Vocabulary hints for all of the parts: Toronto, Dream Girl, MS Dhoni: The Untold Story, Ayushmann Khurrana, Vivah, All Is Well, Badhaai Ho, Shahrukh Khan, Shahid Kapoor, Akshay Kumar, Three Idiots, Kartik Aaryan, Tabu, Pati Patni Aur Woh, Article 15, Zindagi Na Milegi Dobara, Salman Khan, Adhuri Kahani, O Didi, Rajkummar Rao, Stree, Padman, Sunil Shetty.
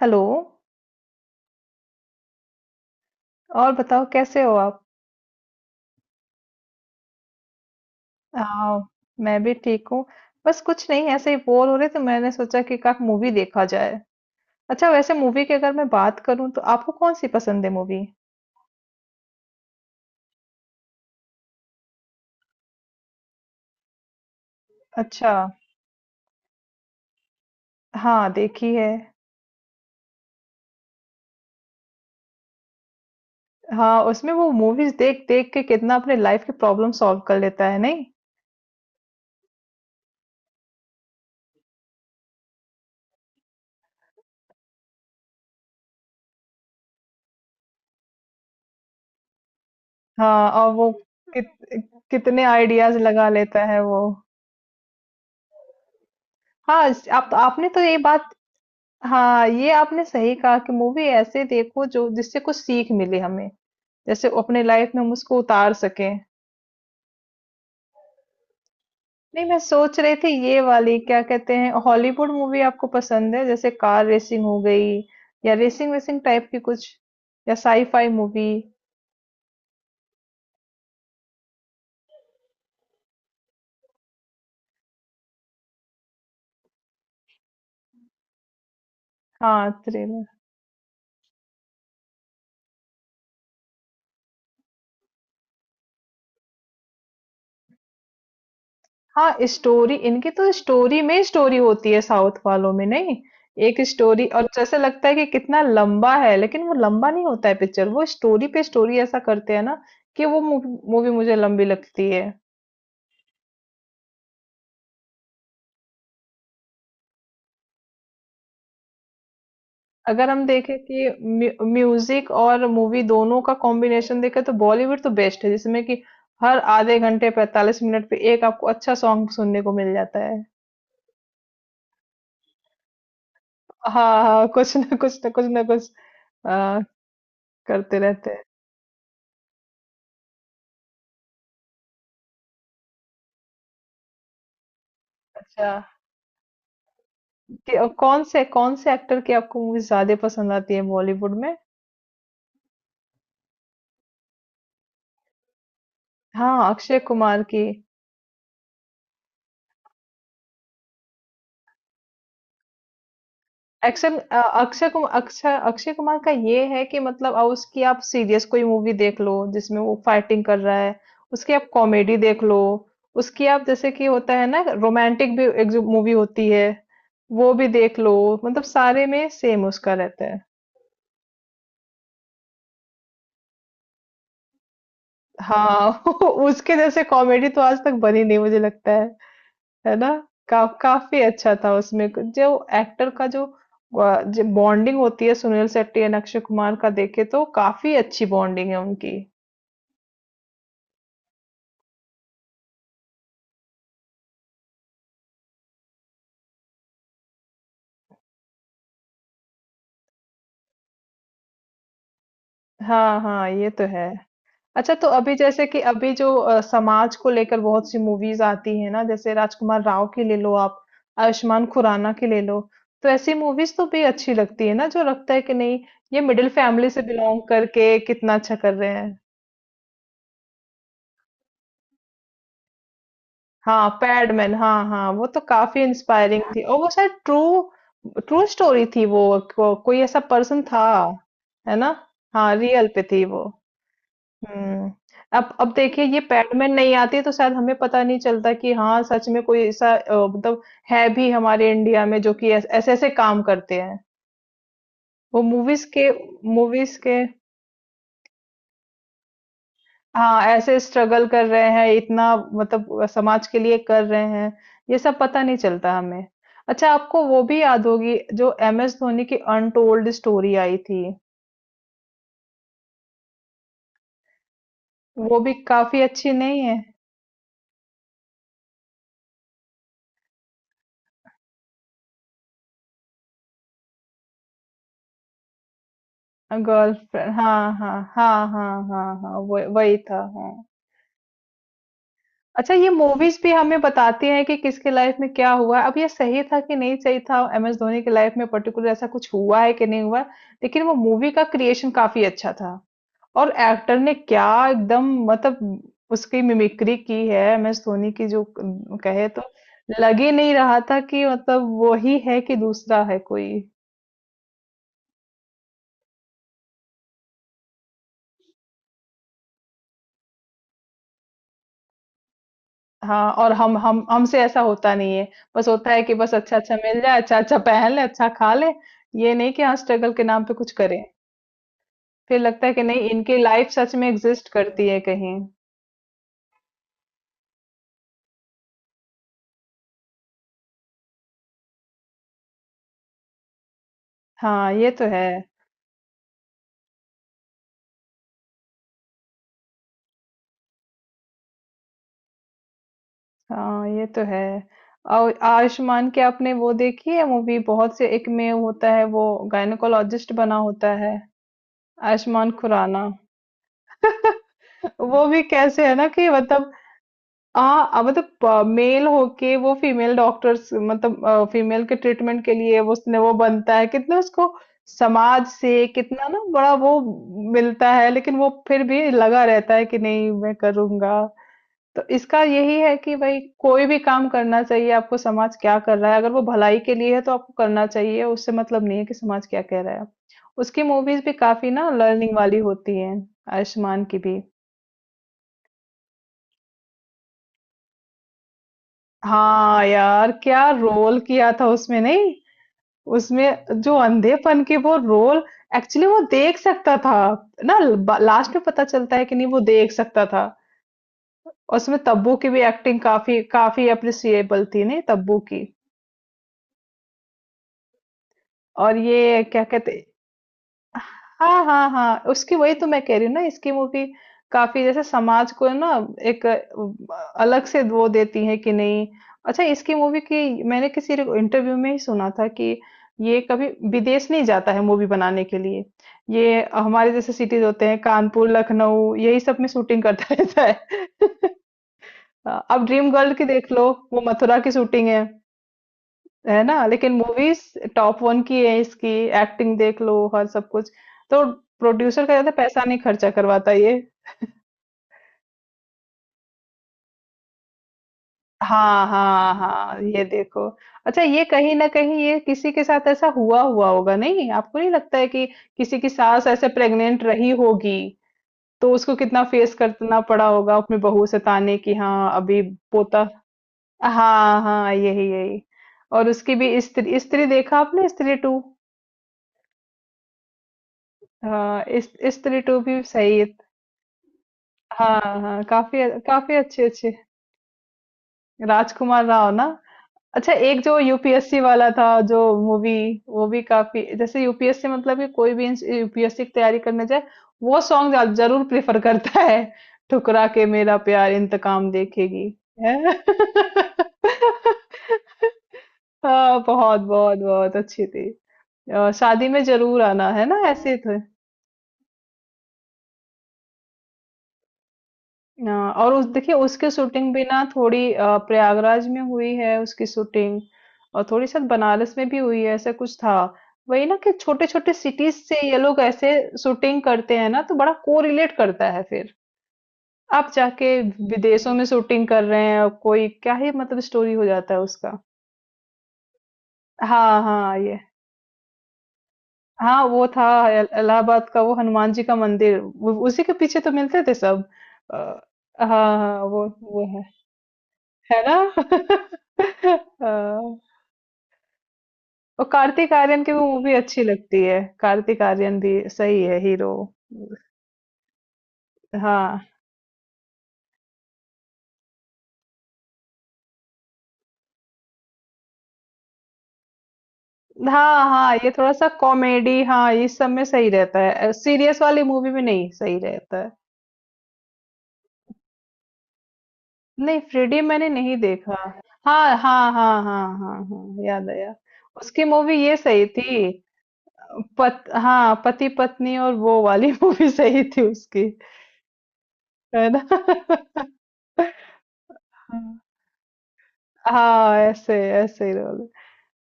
Hello. और बताओ कैसे हो आप? आ, मैं भी ठीक हूँ। बस कुछ नहीं, ऐसे ही बोर हो रहे थे, मैंने सोचा कि का मूवी देखा जाए। अच्छा, वैसे मूवी की अगर मैं बात करूँ तो आपको कौन सी पसंद है मूवी? अच्छा। हाँ, देखी है। हाँ, उसमें वो मूवीज देख देख के कितना अपने लाइफ के प्रॉब्लम सॉल्व कर लेता है, नहीं? हाँ, और वो कित, कितने आइडियाज लगा लेता है वो। हाँ, इस- आप आपने तो ये बात। हाँ, ये आपने सही कहा कि मूवी ऐसे देखो जो जिससे कुछ सीख मिले हमें, जैसे अपने लाइफ में हम उसको उतार सकें। नहीं, मैं सोच रही थी ये वाली क्या कहते हैं हॉलीवुड मूवी आपको पसंद है? जैसे कार रेसिंग हो गई, या रेसिंग वेसिंग टाइप की कुछ, या साईफाई मूवी। हाँ, थ्रिलर। हाँ, स्टोरी इनकी तो स्टोरी में स्टोरी होती है, साउथ वालों में नहीं। एक स्टोरी और जैसे लगता है कि कितना लंबा है, लेकिन वो लंबा नहीं होता है पिक्चर, वो स्टोरी पे स्टोरी ऐसा करते हैं ना कि वो मूवी मुझे लंबी लगती है। अगर हम देखें कि म्यूजिक और मूवी दोनों का कॉम्बिनेशन देखें, तो बॉलीवुड तो बेस्ट है, जिसमें कि हर आधे घंटे 45 मिनट पे एक आपको अच्छा सॉन्ग सुनने को मिल जाता है। हाँ, हाँ, कुछ ना कुछ, ना कुछ ना कुछ, आ, करते रहते हैं। अच्छा, और कौन से एक्टर की आपको मूवी ज्यादा पसंद आती है बॉलीवुड में? हाँ, अक्षय कुमार की। एक्शन, अक्षय कुमार का ये है कि मतलब अब उसकी आप सीरियस कोई मूवी देख लो जिसमें वो फाइटिंग कर रहा है, उसकी आप कॉमेडी देख लो, उसकी आप जैसे कि होता है ना रोमांटिक भी एक जो मूवी होती है वो भी देख लो, मतलब सारे में सेम उसका रहता है। हाँ उसके जैसे कॉमेडी तो आज तक बनी नहीं, मुझे लगता है ना? काफ़ी अच्छा था उसमें, क जो एक्टर का जो बॉन्डिंग होती है सुनील शेट्टी एंड अक्षय कुमार का देखे, तो काफ़ी अच्छी बॉन्डिंग है उनकी। हाँ, हाँ, ये तो है। अच्छा, तो अभी जैसे कि अभी जो समाज को लेकर बहुत सी मूवीज़ आती हैं ना, जैसे राजकुमार राव की ले लो आप, आयुष्मान खुराना की ले लो, तो ऐसी मूवीज़ तो भी अच्छी लगती है ना, जो लगता है कि नहीं, ये मिडल फैमिली से बिलॉन्ग करके कितना अच्छा कर रहे हैं। हाँ, पैडमैन, हाँ, हाँ, वो तो काफी इंस्पायरिंग थी, और वो शायद ट्रू ट्रू स्टोरी थी वो, कोई ऐसा पर्सन था, है ना? हाँ, रियल पे थी वो। हम्म। अब देखिए ये पैडमैन नहीं आती तो शायद हमें पता नहीं चलता कि हाँ सच में कोई ऐसा मतलब है भी हमारे इंडिया में, जो कि ऐसे ऐसे काम करते हैं वो मूवीज के मूवीज के हाँ, ऐसे स्ट्रगल कर रहे हैं इतना, मतलब समाज के लिए कर रहे हैं, ये सब पता नहीं चलता हमें। अच्छा, आपको वो भी याद होगी जो एम एस धोनी की अनटोल्ड स्टोरी आई थी? वो भी काफी अच्छी नहीं है? गर्लफ्रेंड, हाँ, हाँ, हाँ, हाँ, हाँ, हाँ, वही वही था, हाँ। अच्छा, ये मूवीज भी हमें बताती हैं कि किसके लाइफ में क्या हुआ है। अब ये सही था कि नहीं सही था, एम एस धोनी की लाइफ में पर्टिकुलर ऐसा कुछ हुआ है कि नहीं हुआ, लेकिन वो मूवी का क्रिएशन काफी अच्छा था। और एक्टर ने क्या एकदम, मतलब उसकी मिमिक्री की है एमएस धोनी की जो कहे तो लग ही नहीं रहा था कि मतलब वो ही है कि दूसरा है कोई। हाँ, और हम हमसे ऐसा होता नहीं है। बस होता है कि बस अच्छा अच्छा मिल जाए, अच्छा अच्छा पहन ले, अच्छा खा ले, ये नहीं कि हाँ स्ट्रगल के नाम पे कुछ करें। फिर लगता है कि नहीं, इनकी लाइफ सच में एग्जिस्ट करती है कहीं। हाँ, ये तो है। हाँ, ये तो है। और आयुष्मान की आपने वो देखी है मूवी, बहुत से एक में होता है वो गायनोकोलॉजिस्ट बना होता है? आयुष्मान खुराना। वो भी कैसे है ना कि मतलब, हाँ मतलब मेल होके वो फीमेल डॉक्टर्स, मतलब फीमेल के ट्रीटमेंट के लिए वो उसने वो बनता है, कितना उसको समाज से कितना ना बड़ा वो मिलता है, लेकिन वो फिर भी लगा रहता है कि नहीं मैं करूंगा। तो इसका यही है कि भाई कोई भी काम करना चाहिए आपको, समाज क्या कर रहा है, अगर वो भलाई के लिए है तो आपको करना चाहिए, उससे मतलब नहीं है कि समाज क्या कह रहा है। उसकी मूवीज भी काफी ना लर्निंग वाली होती हैं। आयुष्मान की भी। हाँ यार, क्या रोल किया था उसमें, नहीं? उसमें जो अंधेपन की वो रोल, एक्चुअली वो देख सकता था ना, लास्ट में पता चलता है कि नहीं, वो देख सकता था। और उसमें तब्बू की भी एक्टिंग काफी काफी अप्रिसिएबल थी, नहीं? तब्बू की। और ये क्या कहते, हाँ हाँ हाँ, उसकी वही तो मैं कह रही हूँ ना, इसकी मूवी काफी जैसे समाज को ना एक अलग से वो देती है कि नहीं? अच्छा, इसकी मूवी की मैंने किसी इंटरव्यू में ही सुना था कि ये कभी विदेश नहीं जाता है मूवी बनाने के लिए। ये हमारे जैसे सिटीज होते हैं, कानपुर, लखनऊ, यही सब में शूटिंग करता रहता है। अब ड्रीम गर्ल की देख लो, वो मथुरा की शूटिंग है ना? लेकिन मूवीज टॉप वन की है इसकी, एक्टिंग देख लो, हर सब कुछ, तो प्रोड्यूसर का ज्यादा पैसा नहीं खर्चा करवाता ये। हाँ, हाँ, हाँ, ये देखो। अच्छा, ये कहीं ना कहीं ये किसी के साथ ऐसा हुआ हुआ होगा, नहीं? आपको नहीं लगता है कि किसी की सास ऐसे प्रेग्नेंट रही होगी, तो उसको कितना फेस करना पड़ा होगा अपनी बहू से ताने की, हाँ अभी पोता। हाँ, हाँ, यही यही। और उसकी भी स्त्री, स्त्री देखा आपने स्त्री टू? हाँ, स्त्री टू भी सही। हाँ, हाँ, काफ़ी काफ़ी अच्छी-अच्छी। राजकुमार राव, ना? अच्छा, एक जो यूपीएससी वाला था जो मूवी, वो भी काफ़ी, जैसे यूपीएससी मतलब कि कोई भी इंस यूपीएससी की तैयारी करने जाए, वो सॉन्ग ज ज़रूर प्रेफ़र करता है, ठुकरा के मेरा प्यार इंतकाम देखेगी। हैं? हाँ, बहुत, बहुत, बहुत अच्छी थी। शादी में ज़रूर आना, है ना? ऐसे थे। और उस देखिए उसकी शूटिंग भी ना थोड़ी प्रयागराज में हुई है उसकी शूटिंग, और थोड़ी शायद बनारस में भी हुई है, ऐसा कुछ था। वही ना कि छोटे छोटे सिटीज से ये लोग ऐसे शूटिंग करते हैं ना, तो बड़ा कोरिलेट करता है फिर। आप जाके विदेशों में शूटिंग कर रहे हैं और कोई क्या ही मतलब स्टोरी हो जाता है उसका। हाँ, हाँ, ये, हाँ वो था। इलाहाबाद का वो हनुमान जी का मंदिर, उसी के पीछे तो मिलते थे सब। अ, हाँ, हाँ, वो है ना? हाँ, और कार्तिक आर्यन की भी मूवी अच्छी लगती है, कार्तिक आर्यन भी सही है हीरो। हाँ, हाँ, हाँ, ये थोड़ा सा कॉमेडी, हाँ इस सब में सही रहता है, सीरियस वाली मूवी में नहीं सही रहता है। नहीं, फ्रीडी मैंने नहीं देखा। हाँ, हाँ, हाँ, हाँ, हाँ, हाँ, याद आया, उसकी मूवी ये सही थी। पत हाँ, पति पत्नी और वो वाली मूवी सही थी उसकी, है ना? हाँ, ऐसे ऐसे ही रोल।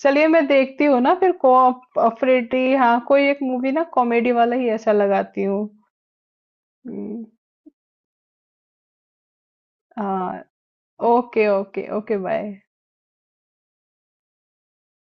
चलिए मैं देखती हूँ ना फिर कोऑपरेटिव, हाँ, कोई एक मूवी ना कॉमेडी वाला ही ऐसा लगाती हूँ। हम्म। हाँ, ओके ओके ओके बाय।